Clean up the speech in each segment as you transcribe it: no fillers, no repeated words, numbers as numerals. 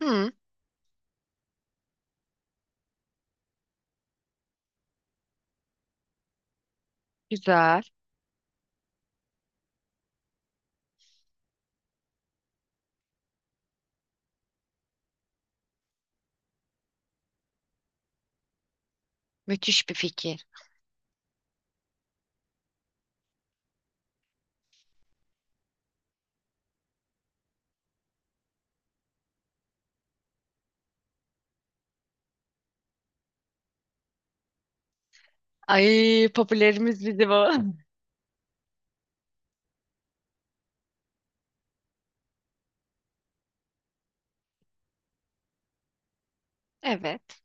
Hı, güzel. Müthiş bir fikir. Ay popülerimiz bizi bu. Evet.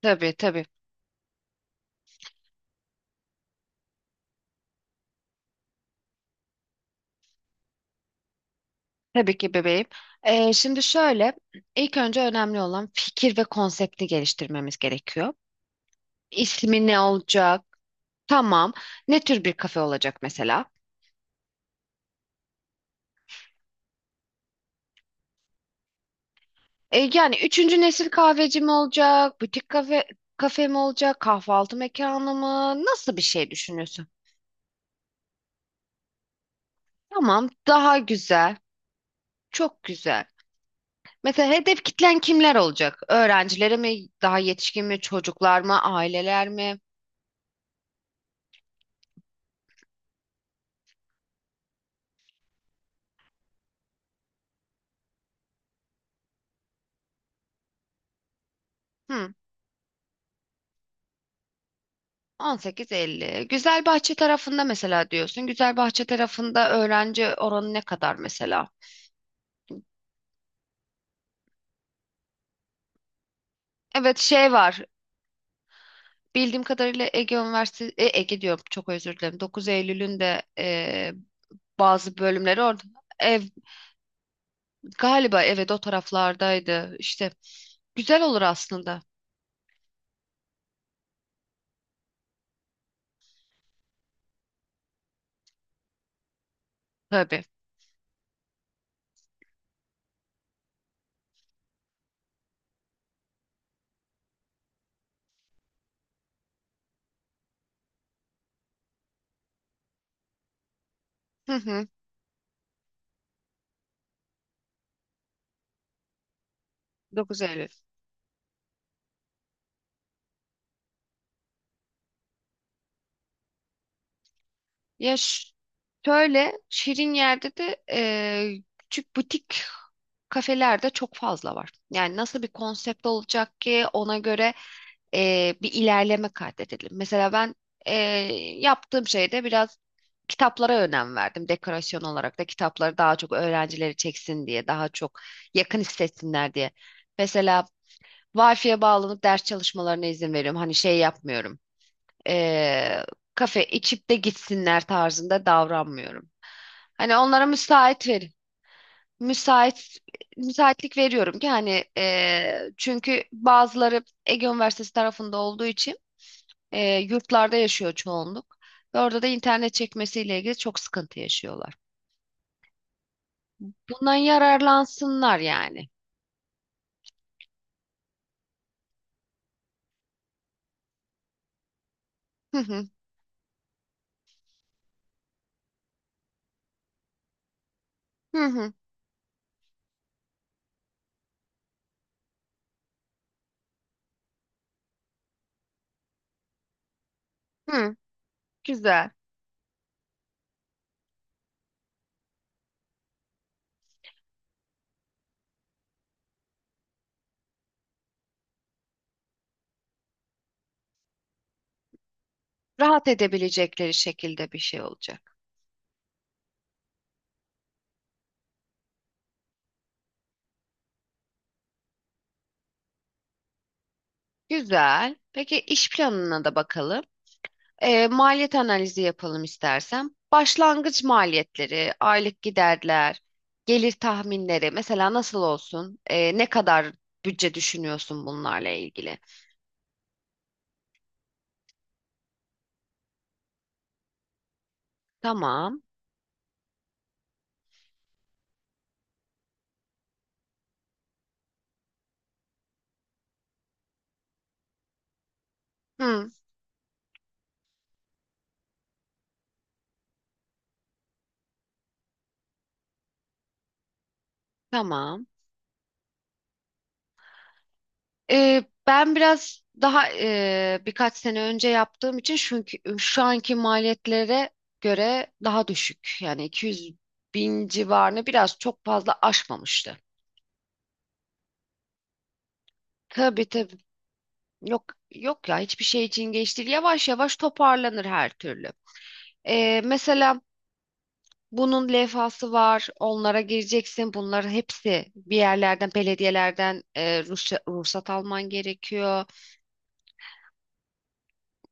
Tabii tabii. Tabii ki bebeğim. Şimdi şöyle, ilk önce önemli olan fikir ve konsepti geliştirmemiz gerekiyor. İsmi ne olacak? Tamam. Ne tür bir kafe olacak mesela? Yani üçüncü nesil kahveci mi olacak? Butik kafe, kafe mi olacak? Kahvaltı mekanı mı? Nasıl bir şey düşünüyorsun? Tamam. Daha güzel. Çok güzel. Mesela hedef kitlen kimler olacak? Öğrencilere mi, daha yetişkin mi, çocuklar mı, aileler mi? Hı, 18-50. Güzelbahçe tarafında mesela diyorsun. Güzelbahçe tarafında öğrenci oranı ne kadar mesela? Evet şey var. Bildiğim kadarıyla Ege Üniversitesi, Ege diyorum çok özür dilerim. 9 Eylül'ün de bazı bölümleri orada. Ev, galiba evet o taraflardaydı. İşte güzel olur aslında. Tabii. Hı hı. 9 Ya şöyle şirin yerde de küçük butik kafelerde çok fazla var. Yani nasıl bir konsept olacak ki ona göre bir ilerleme kaydedelim. Mesela ben yaptığım şeyde biraz kitaplara önem verdim. Dekorasyon olarak da kitapları daha çok öğrencileri çeksin diye, daha çok yakın hissetsinler diye. Mesela Wi-Fi'ye bağlanıp ders çalışmalarına izin veriyorum. Hani şey yapmıyorum eee, kafe içip de gitsinler tarzında davranmıyorum. Hani onlara müsait verin. Müsait müsaitlik veriyorum ki hani çünkü bazıları Ege Üniversitesi tarafında olduğu için yurtlarda yaşıyor çoğunluk ve orada da internet çekmesiyle ilgili çok sıkıntı yaşıyorlar. Bundan yararlansınlar yani. Hı hı hı hı hı. Güzel. Rahat edebilecekleri şekilde bir şey olacak. Güzel. Peki iş planına da bakalım. Maliyet analizi yapalım istersen. Başlangıç maliyetleri, aylık giderler, gelir tahminleri mesela nasıl olsun? Ne kadar bütçe düşünüyorsun bunlarla ilgili? Tamam. Hı, tamam. Ben biraz daha birkaç sene önce yaptığım için çünkü şu anki maliyetlere göre daha düşük. Yani 200 bin civarını biraz çok fazla aşmamıştı. Tabii tabii. Yok yok ya hiçbir şey için geç değil. Yavaş yavaş toparlanır her türlü. Mesela bunun levhası var. Onlara gireceksin. Bunların hepsi bir yerlerden, belediyelerden ruhsat alman gerekiyor.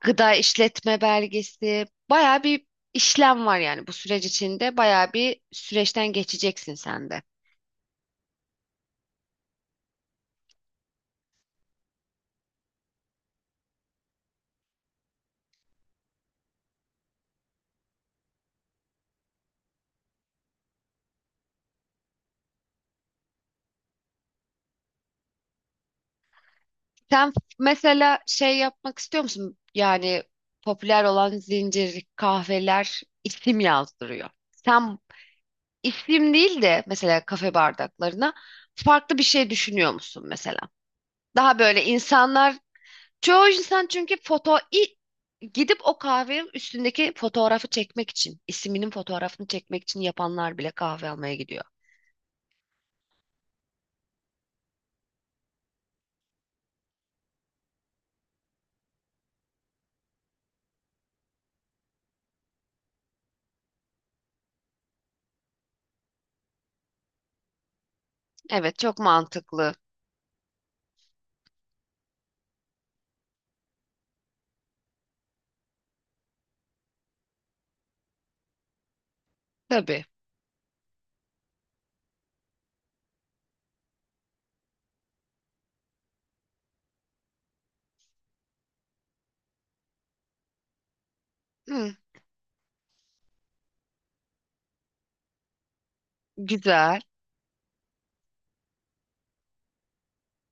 Gıda işletme belgesi. Baya bir işlem var yani bu süreç içinde. Baya bir süreçten geçeceksin sen de. Sen mesela şey yapmak istiyor musun? Yani popüler olan zincir kahveler isim yazdırıyor. Sen İsim değil de mesela kafe bardaklarına farklı bir şey düşünüyor musun mesela? Daha böyle insanlar çoğu insan çünkü gidip o kahvenin üstündeki fotoğrafı çekmek için isminin fotoğrafını çekmek için yapanlar bile kahve almaya gidiyor. Evet çok mantıklı. Tabii. Hı, güzel.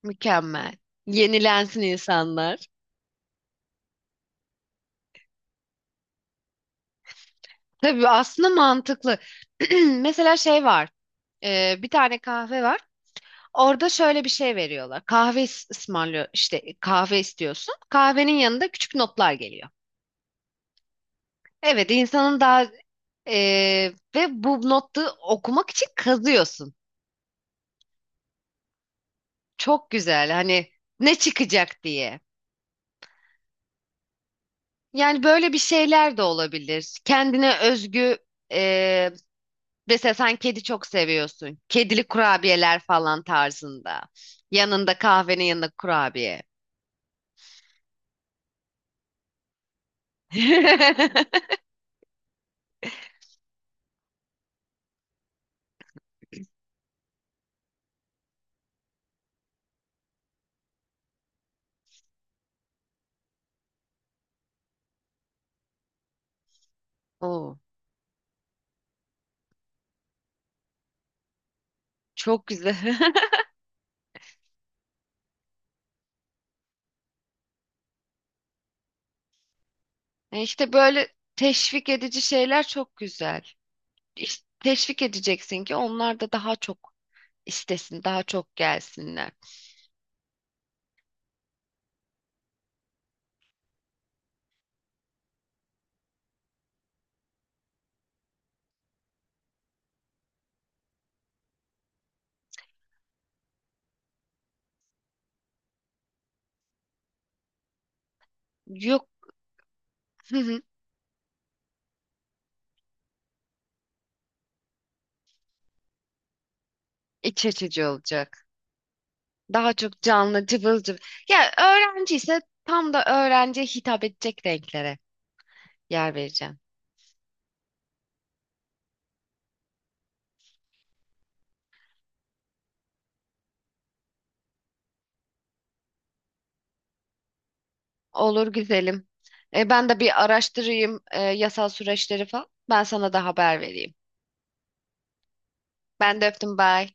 Mükemmel. Yenilensin insanlar. Tabii aslında mantıklı. Mesela şey var. Bir tane kahve var. Orada şöyle bir şey veriyorlar. Kahve ısmarlıyor işte kahve istiyorsun. Kahvenin yanında küçük notlar geliyor. Evet insanın daha e, ve bu notu okumak için kazıyorsun. Çok güzel hani ne çıkacak diye. Yani böyle bir şeyler de olabilir. Kendine özgü e, mesela sen kedi çok seviyorsun. Kedili kurabiyeler falan tarzında. Yanında kahvenin yanında kurabiye. Oo, çok güzel. İşte böyle teşvik edici şeyler çok güzel. Teşvik edeceksin ki onlar da daha çok istesin, daha çok gelsinler. Yok, hı hı, iç açıcı olacak. Daha çok canlı, cıvıl cıvıl. Ya öğrenci ise tam da öğrenciye hitap edecek renklere yer vereceğim. Olur güzelim. Ben de bir araştırayım yasal süreçleri falan. Ben sana da haber vereyim. Ben de öptüm, bye.